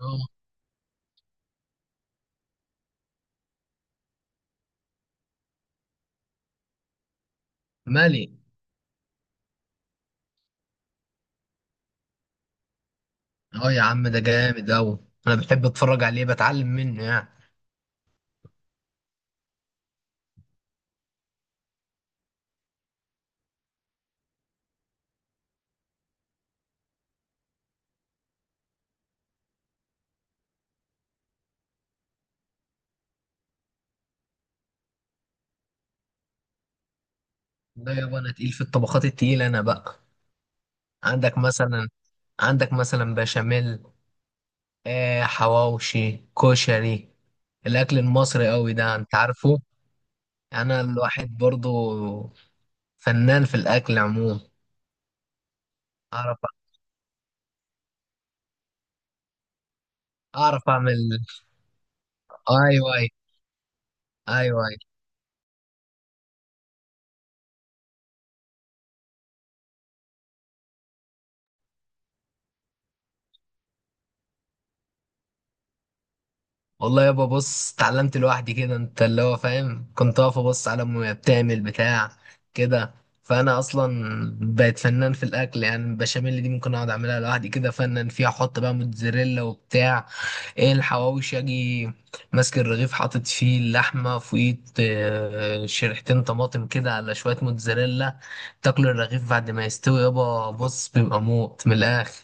اه. مالي. اه يا عم، ده جامد اوي. انا بحب اتفرج عليه بتعلم منه، يعني لا يابا، انا تقيل في الطبخات التقيلة انا بقى. عندك مثلا عندك مثلا بشاميل، حواوشي، كشري. الاكل المصري اوي ده انت عارفه. انا الواحد برضو فنان في الاكل عموما. اعرف اعرف اعمل. ايوه، ايوه، ايوه. والله يابا بص، اتعلمت لوحدي كده، انت اللي هو فاهم، كنت واقف ابص على امي وهي بتعمل بتاع كده. فانا اصلا بقيت فنان في الاكل، يعني البشاميل دي ممكن اقعد اعملها لوحدي كده، فنان فيها، احط بقى موتزاريلا وبتاع. ايه الحواوشي، اجي ماسك الرغيف حاطط فيه اللحمه فوقيه، شريحتين طماطم كده على شويه موتزاريلا. تاكل الرغيف بعد ما يستوي يابا، بص بيبقى موت من الاخر.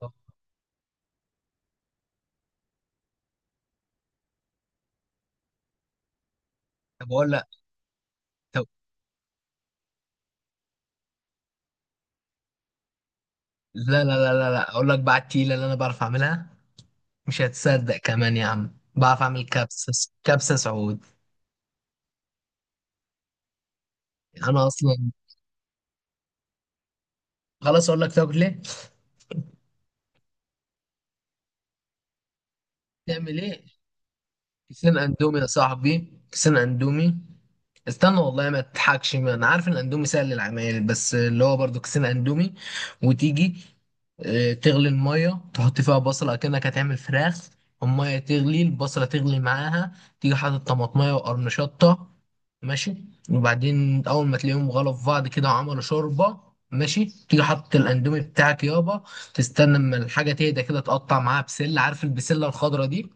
طب. اقول لك. طب، لا، لا، لا، لا، لا، اقول لك بقى التقيله اللي انا بعرف اعملها. مش هتصدق كمان يا عم، بعرف اعمل كبسة سعود. انا اصلا خلاص اقول لك تاكل ايه. تعمل ايه؟ كيسين اندومي يا صاحبي، كيسين اندومي. استنى والله، ما تضحكش، ما انا عارف ان الاندومي سهل للعمايل، بس اللي هو برضو كيسين اندومي. وتيجي تغلي الميه تحط فيها بصله كأنك هتعمل فراخ. الميه تغلي، البصله تغلي معاها. تيجي حاطط طماطميه وقرن شطه. ماشي. وبعدين اول ما تلاقيهم غلوا في بعض كده وعملوا شوربه، ماشي، تيجي حاطط الاندومي بتاعك يابا. تستنى اما الحاجه تهدى كده، تقطع معاها بسله، عارف البسله الخضراء دي.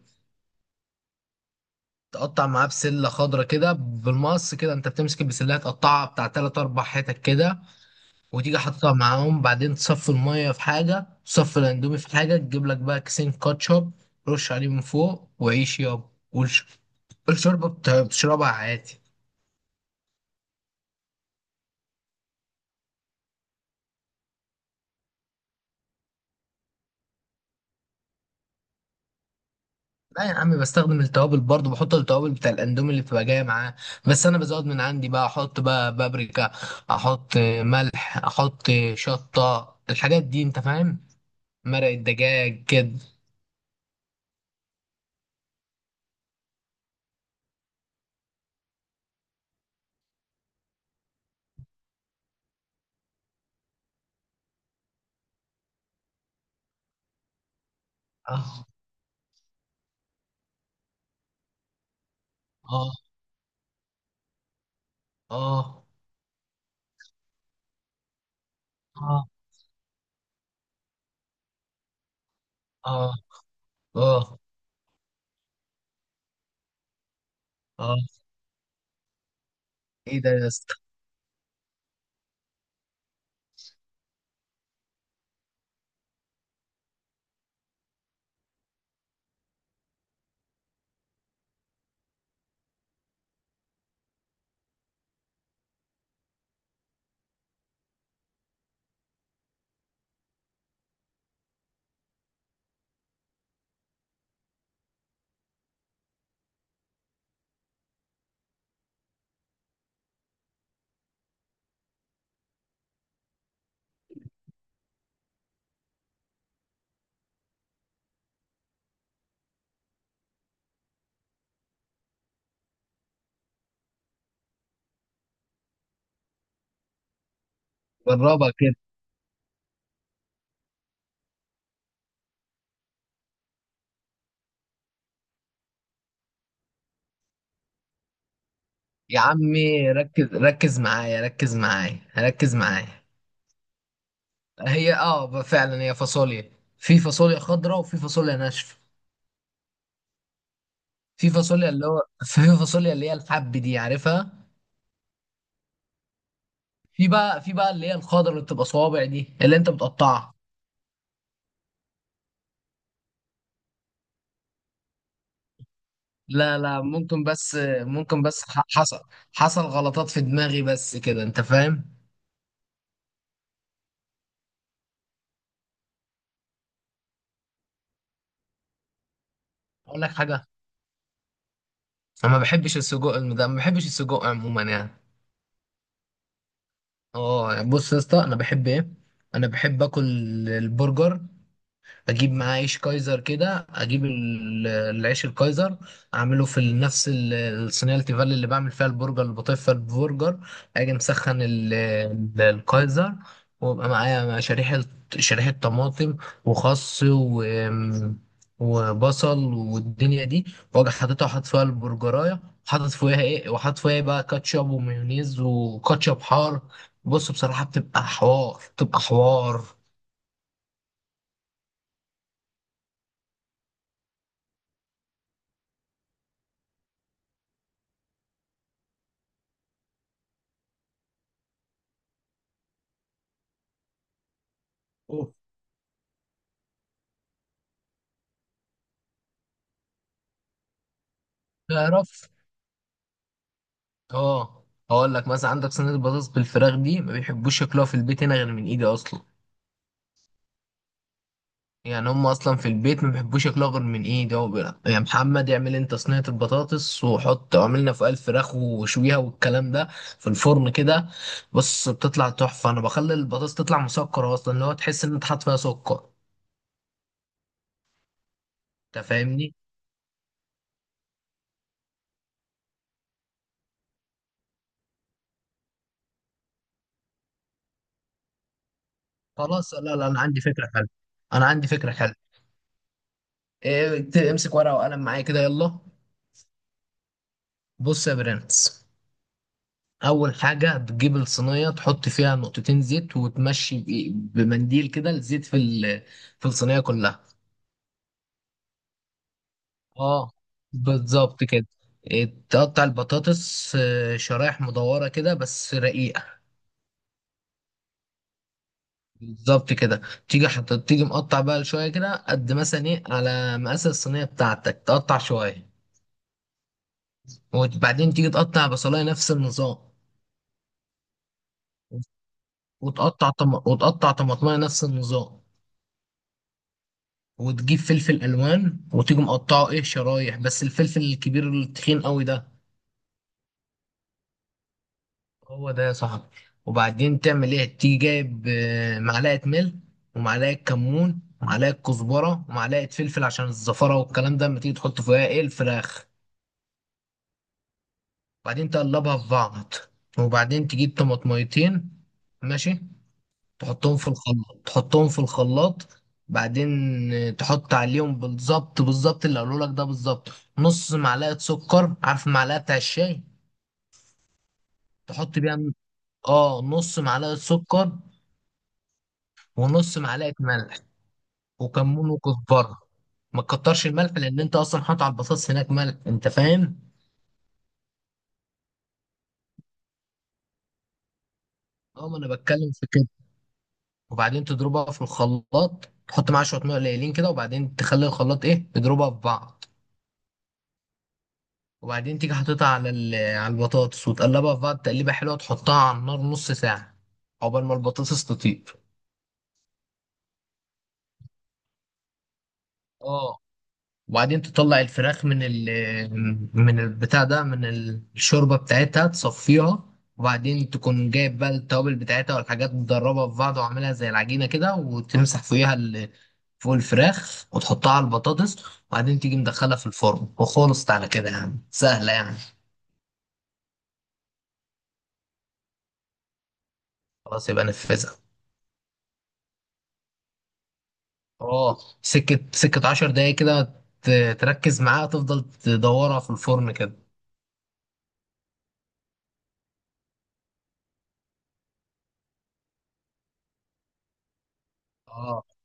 تقطع معاه بسله خضرة كده بالمقص، كده انت بتمسك البسله تقطعها بتاع تلات اربع حتت كده. وتيجي حاططها معاهم، بعدين تصفي الميه في حاجه، تصفي الاندومي في حاجه، تجيب لك بقى كيسين كاتشب. رش عليه من فوق، وعيش يابا، والشوربه بتشربها عادي. لا يا عم، بستخدم التوابل برضه، بحط التوابل بتاع الاندومي اللي بتبقى جايه معاه. بس انا بزود من عندي، بقى احط بقى بابريكا، احط ملح، احط شطه، الحاجات دي انت فاهم. مرق الدجاج كده. آه. اه. اه. اه. اه. اه. اه. ايه ده يا اسطى؟ جربها كده. يا عمي ركز، ركز معايا، ركز معايا، ركز معايا. هي فعلا هي فاصوليا. في فاصوليا خضراء، وفي فاصوليا ناشفه. في فاصوليا اللي هو في فاصوليا اللي هي الحب دي عارفها. في بقى اللي هي الخضراء اللي بتبقى صوابع دي اللي انت بتقطعها. لا، لا، ممكن بس. ممكن بس، حصل غلطات في دماغي بس كده انت فاهم. اقول لك حاجه، انا ما بحبش السجق ده، ما بحبش السجق عموما، يعني. بص يا اسطى، انا بحب ايه، انا بحب اكل البرجر، اجيب معاه عيش كايزر كده، اجيب العيش الكايزر. اعمله في نفس الصينيه التيفال اللي بعمل فيها البرجر، اللي بطيب فيها البرجر. اجي مسخن الكايزر. ويبقى معايا شريحه طماطم وخس وبصل والدنيا دي. واجي حاططها وحاطط فيها البرجرايه، وحاطط فيها إيه بقى كاتشب ومايونيز وكاتشب حار. بص بصراحه بتبقى حوار، بتبقى حوار. اوف. تعرف. اه هقول لك مثلا، عندك صينيه البطاطس بالفراخ دي، ما بيحبوش ياكلوها في البيت هنا غير من ايدي اصلا. يعني هم اصلا في البيت ما بيحبوش ياكلوها غير من ايدي، هو بيقول لك، يا محمد اعمل انت صينيه البطاطس، وحط اعملنا فوقها الفراخ وشويها والكلام ده في الفرن كده. بص بتطلع تحفه، انا بخلي البطاطس تطلع مسكره اصلا، اللي هو تحس ان انت حاطط فيها سكر. انت فاهمني؟ خلاص. لا، لا، انا عندي فكره حلوه. انا عندي فكره حلوه. امسك ورقه وقلم معايا كده يلا. بص يا برنس، اول حاجه بتجيب الصينيه، تحط فيها نقطتين زيت وتمشي بمنديل كده الزيت في في الصينيه كلها. اه، بالظبط كده. تقطع البطاطس شرايح مدوره كده بس رقيقه. بالظبط كده. تيجي مقطع بقى شويه كده قد مثلا ايه على مقاس الصينيه بتاعتك، تقطع شويه. وبعدين تيجي تقطع بصلايه نفس النظام. وتقطع طماطمايه نفس النظام. وتجيب فلفل الوان، وتيجي مقطعه ايه شرايح، بس الفلفل الكبير التخين قوي ده. هو ده يا صاحبي. وبعدين تعمل ايه؟ تيجي جايب معلقه ملح، ومعلقه كمون، ومعلقه كزبره، ومعلقه فلفل عشان الزفره والكلام ده لما تيجي تحط فيها ايه الفراخ. وبعدين تقلبها في بعض. وبعدين تجيب طماطميتين. ماشي. تحطهم في الخلاط. بعدين تحط عليهم بالظبط، بالظبط اللي قالوا لك ده بالظبط. نص معلقة سكر، عارف المعلقة بتاع الشاي، تحط بيها نص معلقة سكر. ونص معلقة ملح وكمون وكزبرة. ما تكترش الملح لان انت اصلا حاطط على البطاطس هناك ملح، انت فاهم. اه، ما انا بتكلم في كده. وبعدين تضربها في الخلاط، تحط معاها شوية ميه قليلين كده، وبعدين تخلي الخلاط ايه يضربها في بعض. وبعدين تيجي حاططها على على البطاطس، وتقلبها في بعض تقليبه حلوه، تحطها على النار نص ساعه عقبال ما البطاطس تطيب. اه. وبعدين تطلع الفراخ من من البتاع ده، من الشوربه بتاعتها، تصفيها. وبعدين تكون جايب بقى التوابل بتاعتها والحاجات، تدربها في بعض وعاملها زي العجينه كده، وتمسح فوقيها فوق الفراخ وتحطها على البطاطس. وبعدين تيجي مدخلها في الفرن وخلصت على كده، يعني سهله يعني. خلاص يبقى نفذها. اه، سكة سكة 10 دقايق كده تركز معاها، تفضل تدورها في الفرن كده. اه.